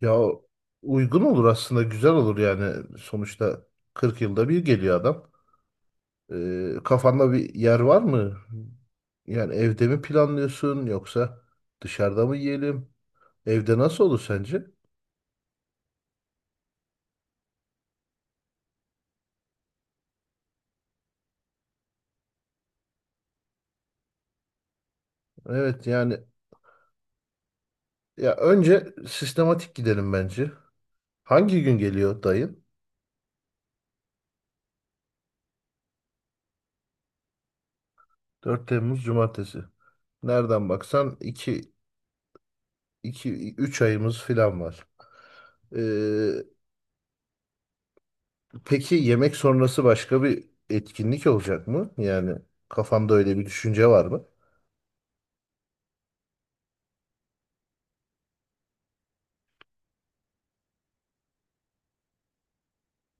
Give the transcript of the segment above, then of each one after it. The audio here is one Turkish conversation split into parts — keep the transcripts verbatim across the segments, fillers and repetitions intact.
Ya uygun olur aslında güzel olur yani sonuçta kırk yılda bir geliyor adam. Ee, kafanda bir yer var mı? Yani evde mi planlıyorsun yoksa dışarıda mı yiyelim? Evde nasıl olur sence? Evet yani ya önce sistematik gidelim bence. Hangi gün geliyor dayın? dört Temmuz Cumartesi. Nereden baksan iki iki üç ayımız falan var. Ee, Peki yemek sonrası başka bir etkinlik olacak mı? Yani kafamda öyle bir düşünce var mı?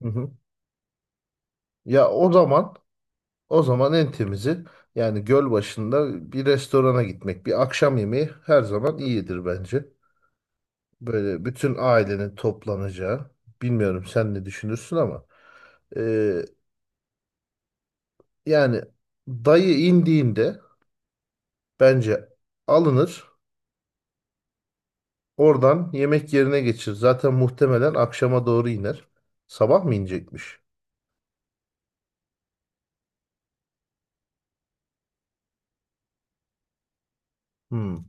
Hı hı. Ya o zaman o zaman en temizi yani göl başında bir restorana gitmek. Bir akşam yemeği her zaman iyidir bence. Böyle bütün ailenin toplanacağı. Bilmiyorum sen ne düşünürsün ama e, yani dayı indiğinde bence alınır. Oradan yemek yerine geçir. Zaten muhtemelen akşama doğru iner. Sabah mı inecekmiş? Hmm.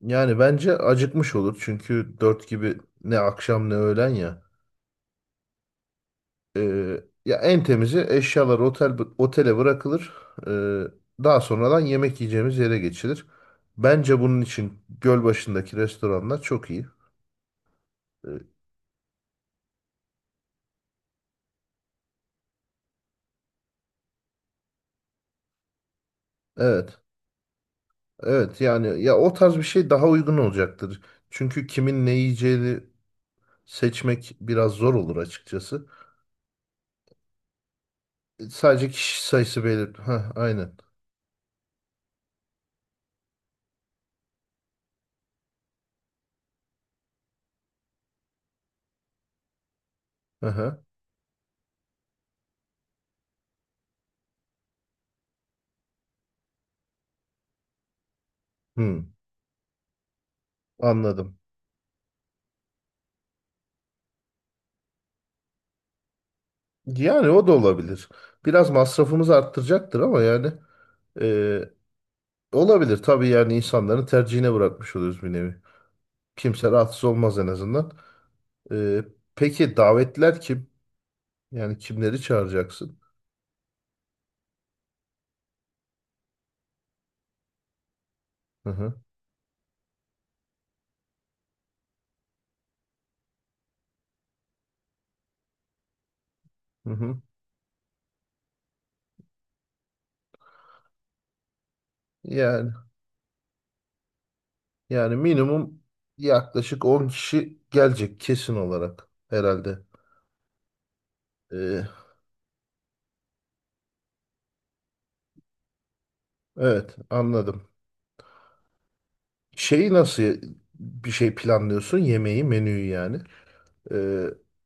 Yani bence acıkmış olur çünkü dört gibi ne akşam ne öğlen ya. Ee, ya en temizi eşyalar otel otele bırakılır. Ee, Daha sonradan yemek yiyeceğimiz yere geçilir. Bence bunun için göl başındaki restoranlar çok iyi. Ee, evet, evet yani ya o tarz bir şey daha uygun olacaktır. Çünkü kimin ne yiyeceğini seçmek biraz zor olur açıkçası. Ee, Sadece kişi sayısı belir. Ha, aynen. Aha. Hmm, anladım. Yani o da olabilir. Biraz masrafımızı arttıracaktır ama yani e, olabilir. Tabii yani insanların tercihine bırakmış oluyoruz bir nevi. Kimse rahatsız olmaz en azından. E, peki davetler kim? Yani kimleri çağıracaksın? Hı hı, hı hı. Yani yani minimum yaklaşık on kişi gelecek kesin olarak herhalde. E, evet, anladım. Şeyi nasıl bir şey planlıyorsun? Yemeği, menüyü yani. Ee,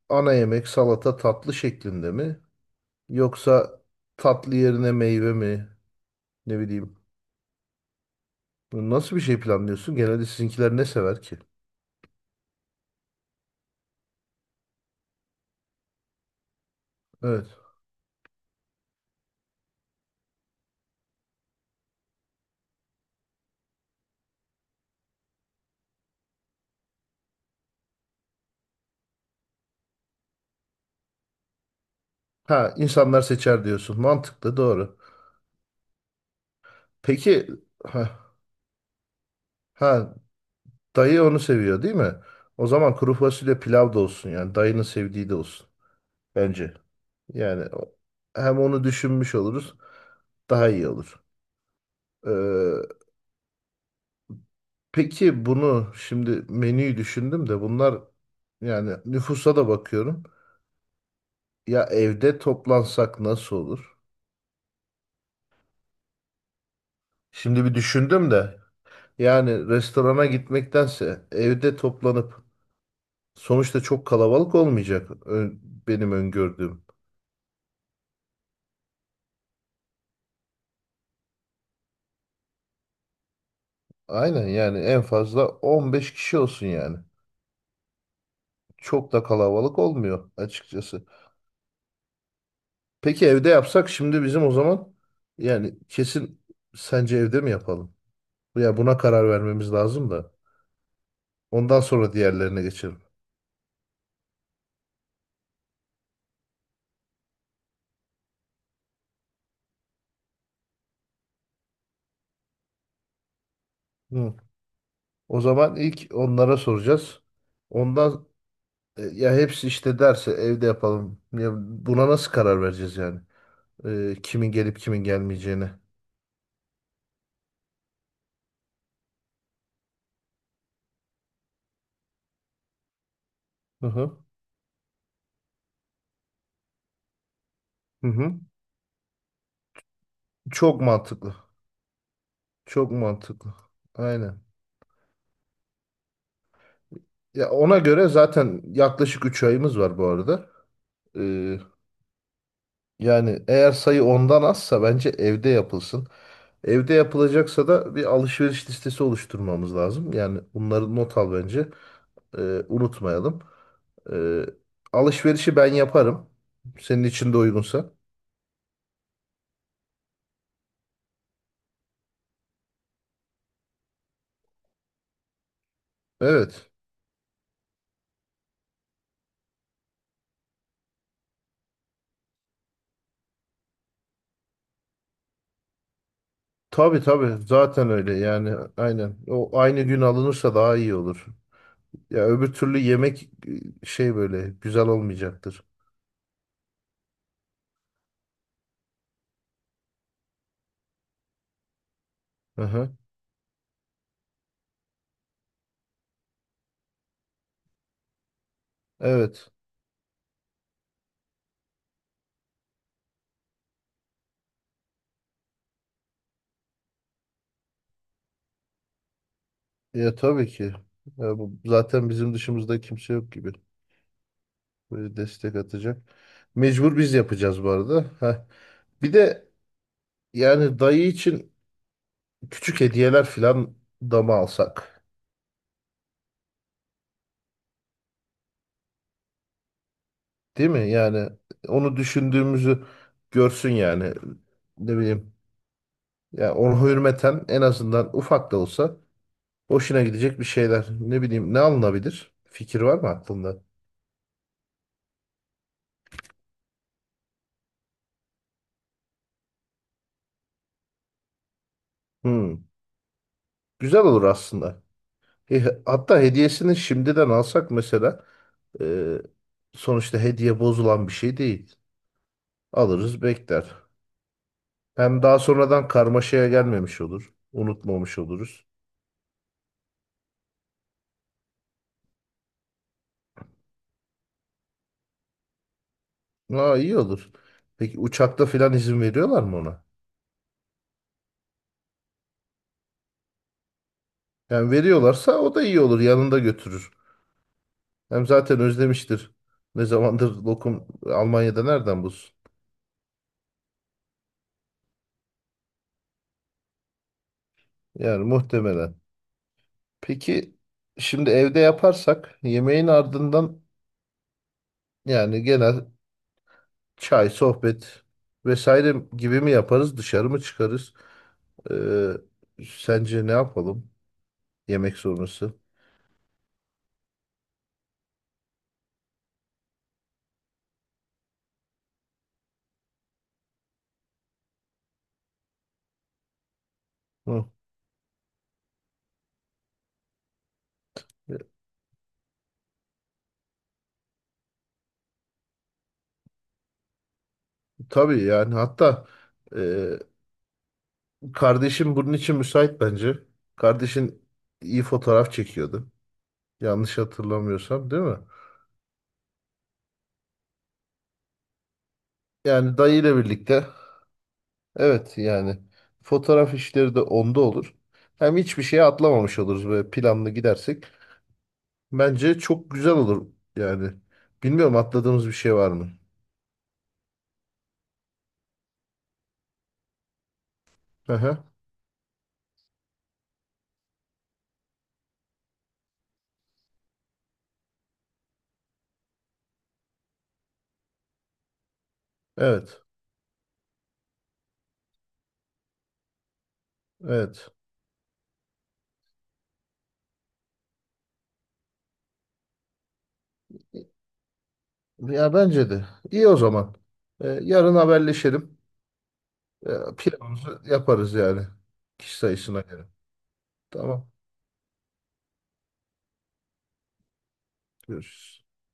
Ana yemek salata tatlı şeklinde mi? Yoksa tatlı yerine meyve mi? Ne bileyim. Nasıl bir şey planlıyorsun? Genelde sizinkiler ne sever ki? Evet. Ha, insanlar seçer diyorsun. Mantıklı, doğru. Peki ha, ha dayı onu seviyor değil mi? O zaman kuru fasulye pilav da olsun yani dayının sevdiği de olsun bence. Yani o- hem onu düşünmüş oluruz daha iyi olur. Ee, Peki bunu şimdi menüyü düşündüm de bunlar yani nüfusa da bakıyorum. Ya evde toplansak nasıl olur? Şimdi bir düşündüm de yani restorana gitmektense evde toplanıp sonuçta çok kalabalık olmayacak ö- benim öngördüğüm. Aynen, yani en fazla on beş kişi olsun yani. Çok da kalabalık olmuyor açıkçası. Peki evde yapsak şimdi bizim o zaman yani kesin sence evde mi yapalım? Ya buna karar vermemiz lazım da. Ondan sonra diğerlerine geçelim. Hı. O zaman ilk onlara soracağız. Ondan e, ya hepsi işte derse evde yapalım. Ya buna nasıl karar vereceğiz yani? E, kimin gelip kimin gelmeyeceğine. Hı hı. Hı hı. Çok mantıklı. Çok mantıklı. Aynen. Ya ona göre zaten yaklaşık üç ayımız var bu arada. Ee, Yani eğer sayı ondan azsa bence evde yapılsın. Evde yapılacaksa da bir alışveriş listesi oluşturmamız lazım. Yani bunları not al bence. Ee, unutmayalım. Ee, Alışverişi ben yaparım. Senin için de uygunsa. Evet. Tabii, tabii. Zaten öyle yani. Aynen. O aynı gün alınırsa daha iyi olur. Ya öbür türlü yemek e, şey böyle güzel olmayacaktır. Hı hı. Evet. Ya tabii ki. Ya bu, zaten bizim dışımızda kimse yok gibi. Böyle destek atacak. Mecbur biz yapacağız bu arada. Heh. Bir de yani dayı için küçük hediyeler falan da mı alsak? Değil mi? Yani onu düşündüğümüzü görsün yani. Ne bileyim. Ya ona hürmeten en azından ufak da olsa hoşuna gidecek bir şeyler. Ne bileyim, ne alınabilir? Fikir var mı aklında? Hmm. Güzel olur aslında. E, Hatta hediyesini şimdiden alsak, mesela e, sonuçta hediye bozulan bir şey değil. Alırız, bekler. Hem daha sonradan karmaşaya gelmemiş olur. Unutmamış oluruz. Aa, iyi olur. Peki uçakta filan izin veriyorlar mı ona? Yani veriyorlarsa o da iyi olur. Yanında götürür. Hem zaten özlemiştir. Ne zamandır lokum, Almanya'da nereden bulsun? Yani muhtemelen. Peki şimdi evde yaparsak yemeğin ardından yani genel çay, sohbet vesaire gibi mi yaparız? Dışarı mı çıkarız? Ee, Sence ne yapalım yemek sonrası? Hı. E, Tabii yani, hatta e, kardeşim bunun için müsait bence. Kardeşin iyi fotoğraf çekiyordu. Yanlış hatırlamıyorsam, değil mi? Yani dayı ile birlikte, evet yani fotoğraf işleri de onda olur. Hem hiçbir şeye atlamamış oluruz böyle planlı gidersek. Bence çok güzel olur yani. Bilmiyorum, atladığımız bir şey var mı? Hı hı. Evet. Evet. Ya bence de. İyi, o zaman. Ee, yarın haberleşelim. Ee, Planımızı yaparız yani. Kişi sayısına göre. Tamam. Görüşürüz.